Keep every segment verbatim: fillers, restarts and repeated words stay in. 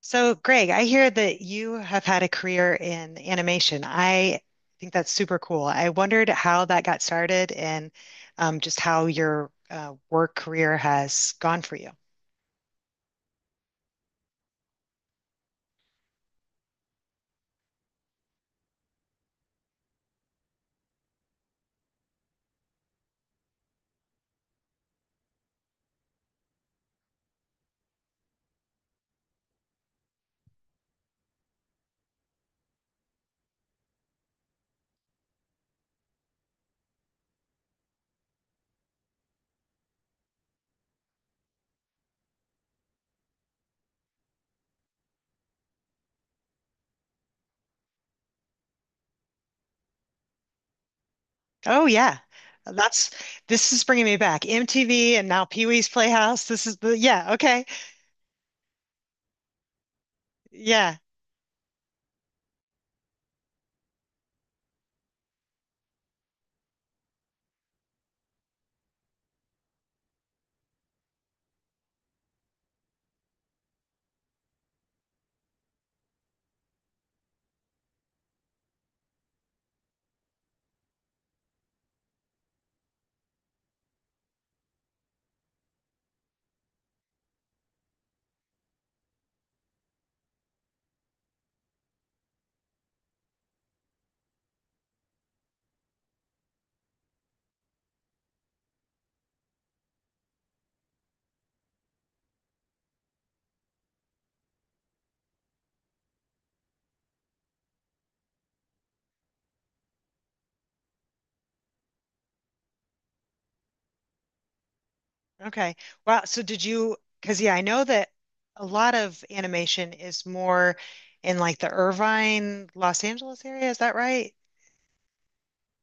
So, Greg, I hear that you have had a career in animation. I think that's super cool. I wondered how that got started and um, just how your uh, work career has gone for you. Oh, yeah. That's This is bringing me back. M T V and now Pee-wee's Playhouse. This is the, yeah, okay. Yeah, okay. Wow. So, did you, because yeah, I know that a lot of animation is more in like the Irvine, Los Angeles area. Is that right?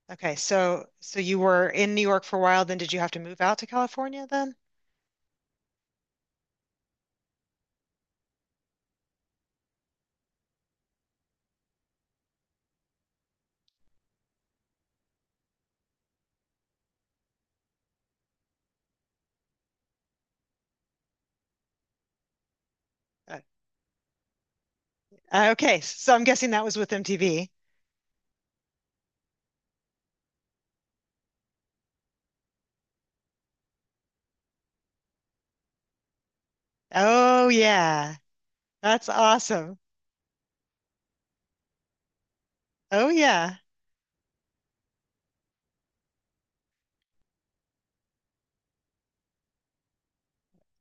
Okay, so so you were in New York for a while, then did you have to move out to California then? Uh, uh, okay, so I'm guessing that was with M T V. Oh yeah, that's awesome. Oh yeah.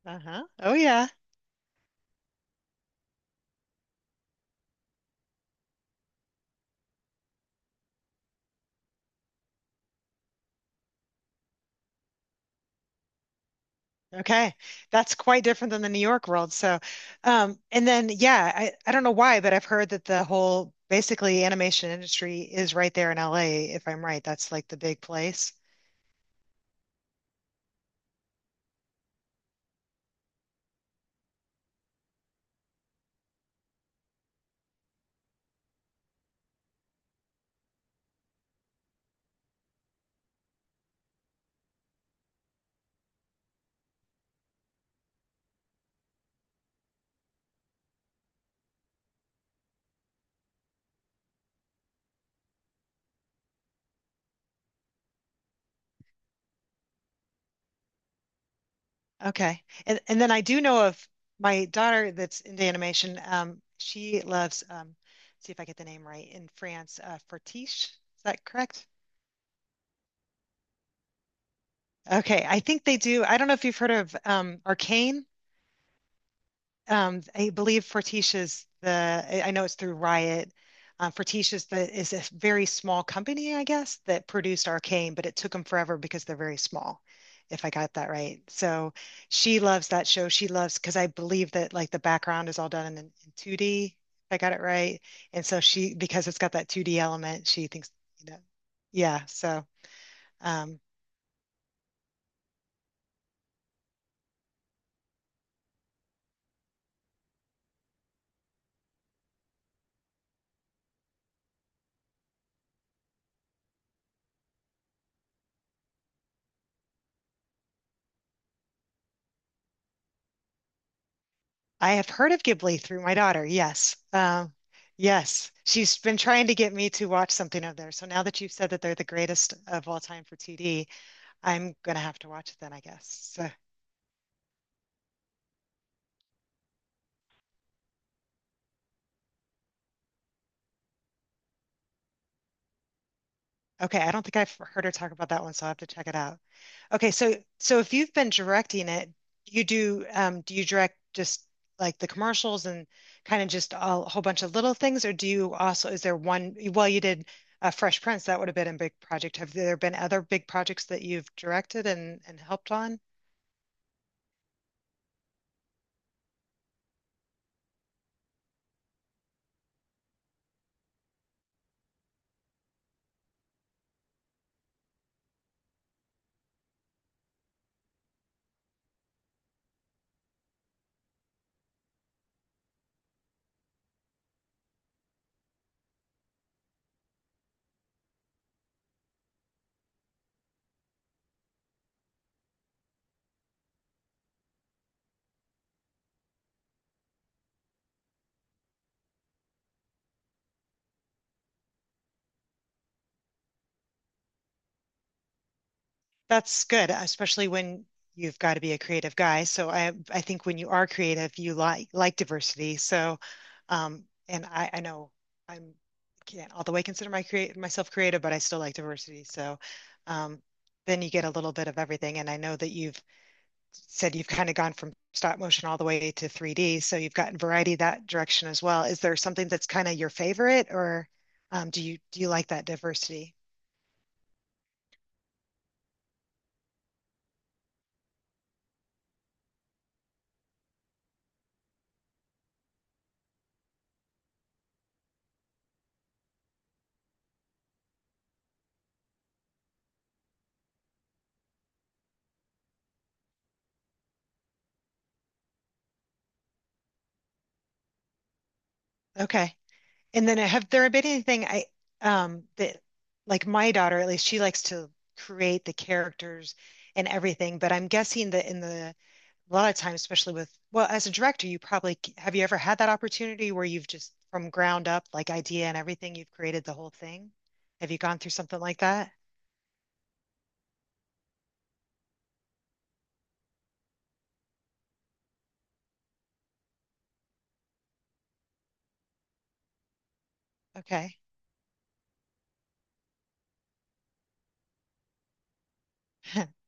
Uh-huh. Oh yeah. Okay. That's quite different than the New York world. So, um, and then yeah, I, I don't know why, but I've heard that the whole basically animation industry is right there in L A, if I'm right. That's like the big place. Okay. And and then I do know of my daughter that's into animation. Um, she loves um, see if I get the name right in France, uh, Fortiche. Is that correct? Okay, I think they do. I don't know if you've heard of um, Arcane. um, I believe Fortitia's the, I I know it's through Riot. Uh, Fortitia's the, is a very small company, I guess, that produced Arcane, but it took them forever because they're very small, if I got that right. So she loves that show. She loves, because I believe that like the background is all done in, in two D, if I got it right. And so she, because it's got that two D element, she thinks, you know, yeah. So um, I have heard of Ghibli through my daughter. Yes. Um, yes. She's been trying to get me to watch something of theirs. So now that you've said that they're the greatest of all time for T D, I'm going to have to watch it then, I guess. So, okay. I don't think I've heard her talk about that one, so I'll have to check it out. Okay, so so if you've been directing it, you do um do you direct just like the commercials and kind of just a whole bunch of little things, or do you also is there one well you did uh, Fresh Prince, that would have been a big project. Have there been other big projects that you've directed and and helped on? That's good, especially when you've got to be a creative guy. So I I think when you are creative, you like like diversity. So um and I I know I'm can't all the way consider my create myself creative, but I still like diversity. So um then you get a little bit of everything. And I know that you've said you've kind of gone from stop motion all the way to three D. So you've gotten variety that direction as well. Is there something that's kind of your favorite or um, do you do you like that diversity? Okay. And then have there been anything I um that like my daughter at least she likes to create the characters and everything, but I'm guessing that in the a lot of times, especially with well, as a director, you probably have you ever had that opportunity where you've just from ground up, like idea and everything, you've created the whole thing? Have you gone through something like that? Okay.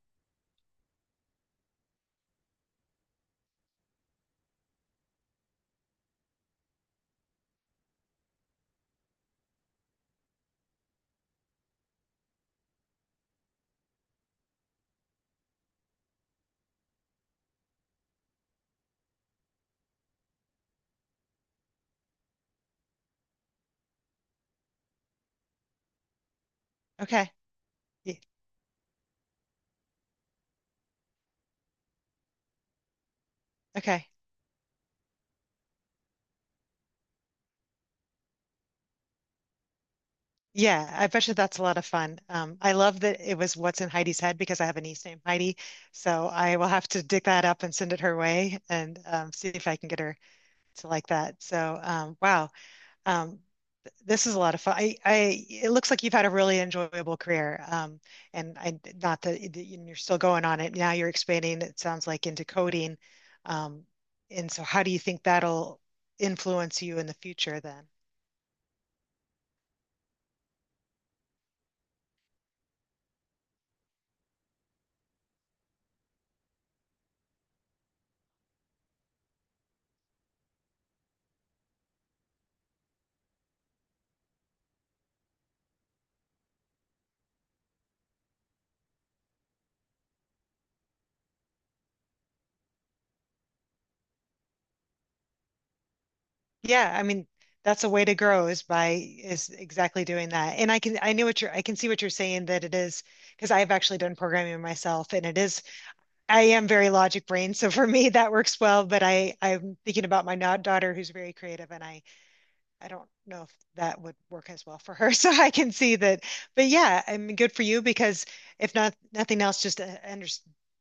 Okay. Ye- Okay. Yeah, I bet you that's a lot of fun. Um, I love that it was what's in Heidi's head because I have a niece named Heidi. So I will have to dig that up and send it her way and um, see if I can get her to like that. So um, wow, um, this is a lot of fun. I, I it looks like you've had a really enjoyable career. Um, and I not that that you- you're still going on it. Now you're expanding, it sounds like, into coding. Um, and so how do you think that'll influence you in the future then? Yeah, I mean, that's a way to grow is by is exactly doing that. And I can I knew what you're I can see what you're saying that it is because I've actually done programming myself and it is I am very logic brain, so for me that works well, but I I'm thinking about my not daughter who's very creative and I I don't know if that would work as well for her. So I can see that. But yeah, I mean good for you because if not nothing else just to, under,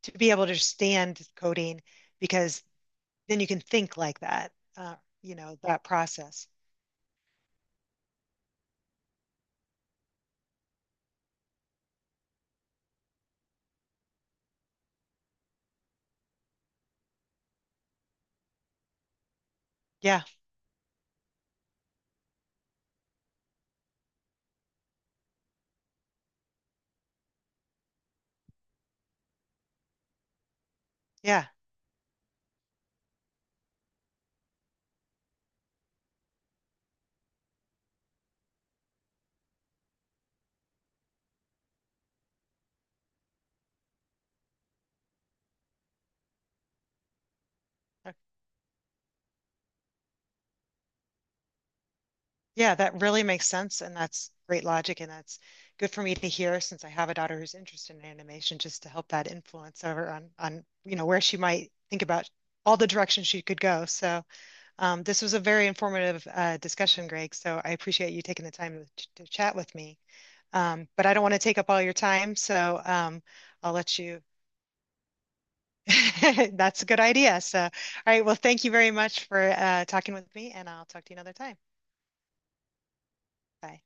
to be able to understand coding because then you can think like that. Uh, you know, that process. Yeah. Yeah. Uh, yeah, that really makes sense. And that's great logic. And that's good for me to hear since I have a daughter who's interested in animation, just to help that influence over on, on, you know, where she might think about all the directions she could go. So um, this was a very informative uh, discussion, Greg. So I appreciate you taking the time to, to chat with me. Um, but I don't want to take up all your time. So um, I'll let you. That's a good idea. So, all right. Well, thank you very much for uh, talking with me, and I'll talk to you another time. Bye.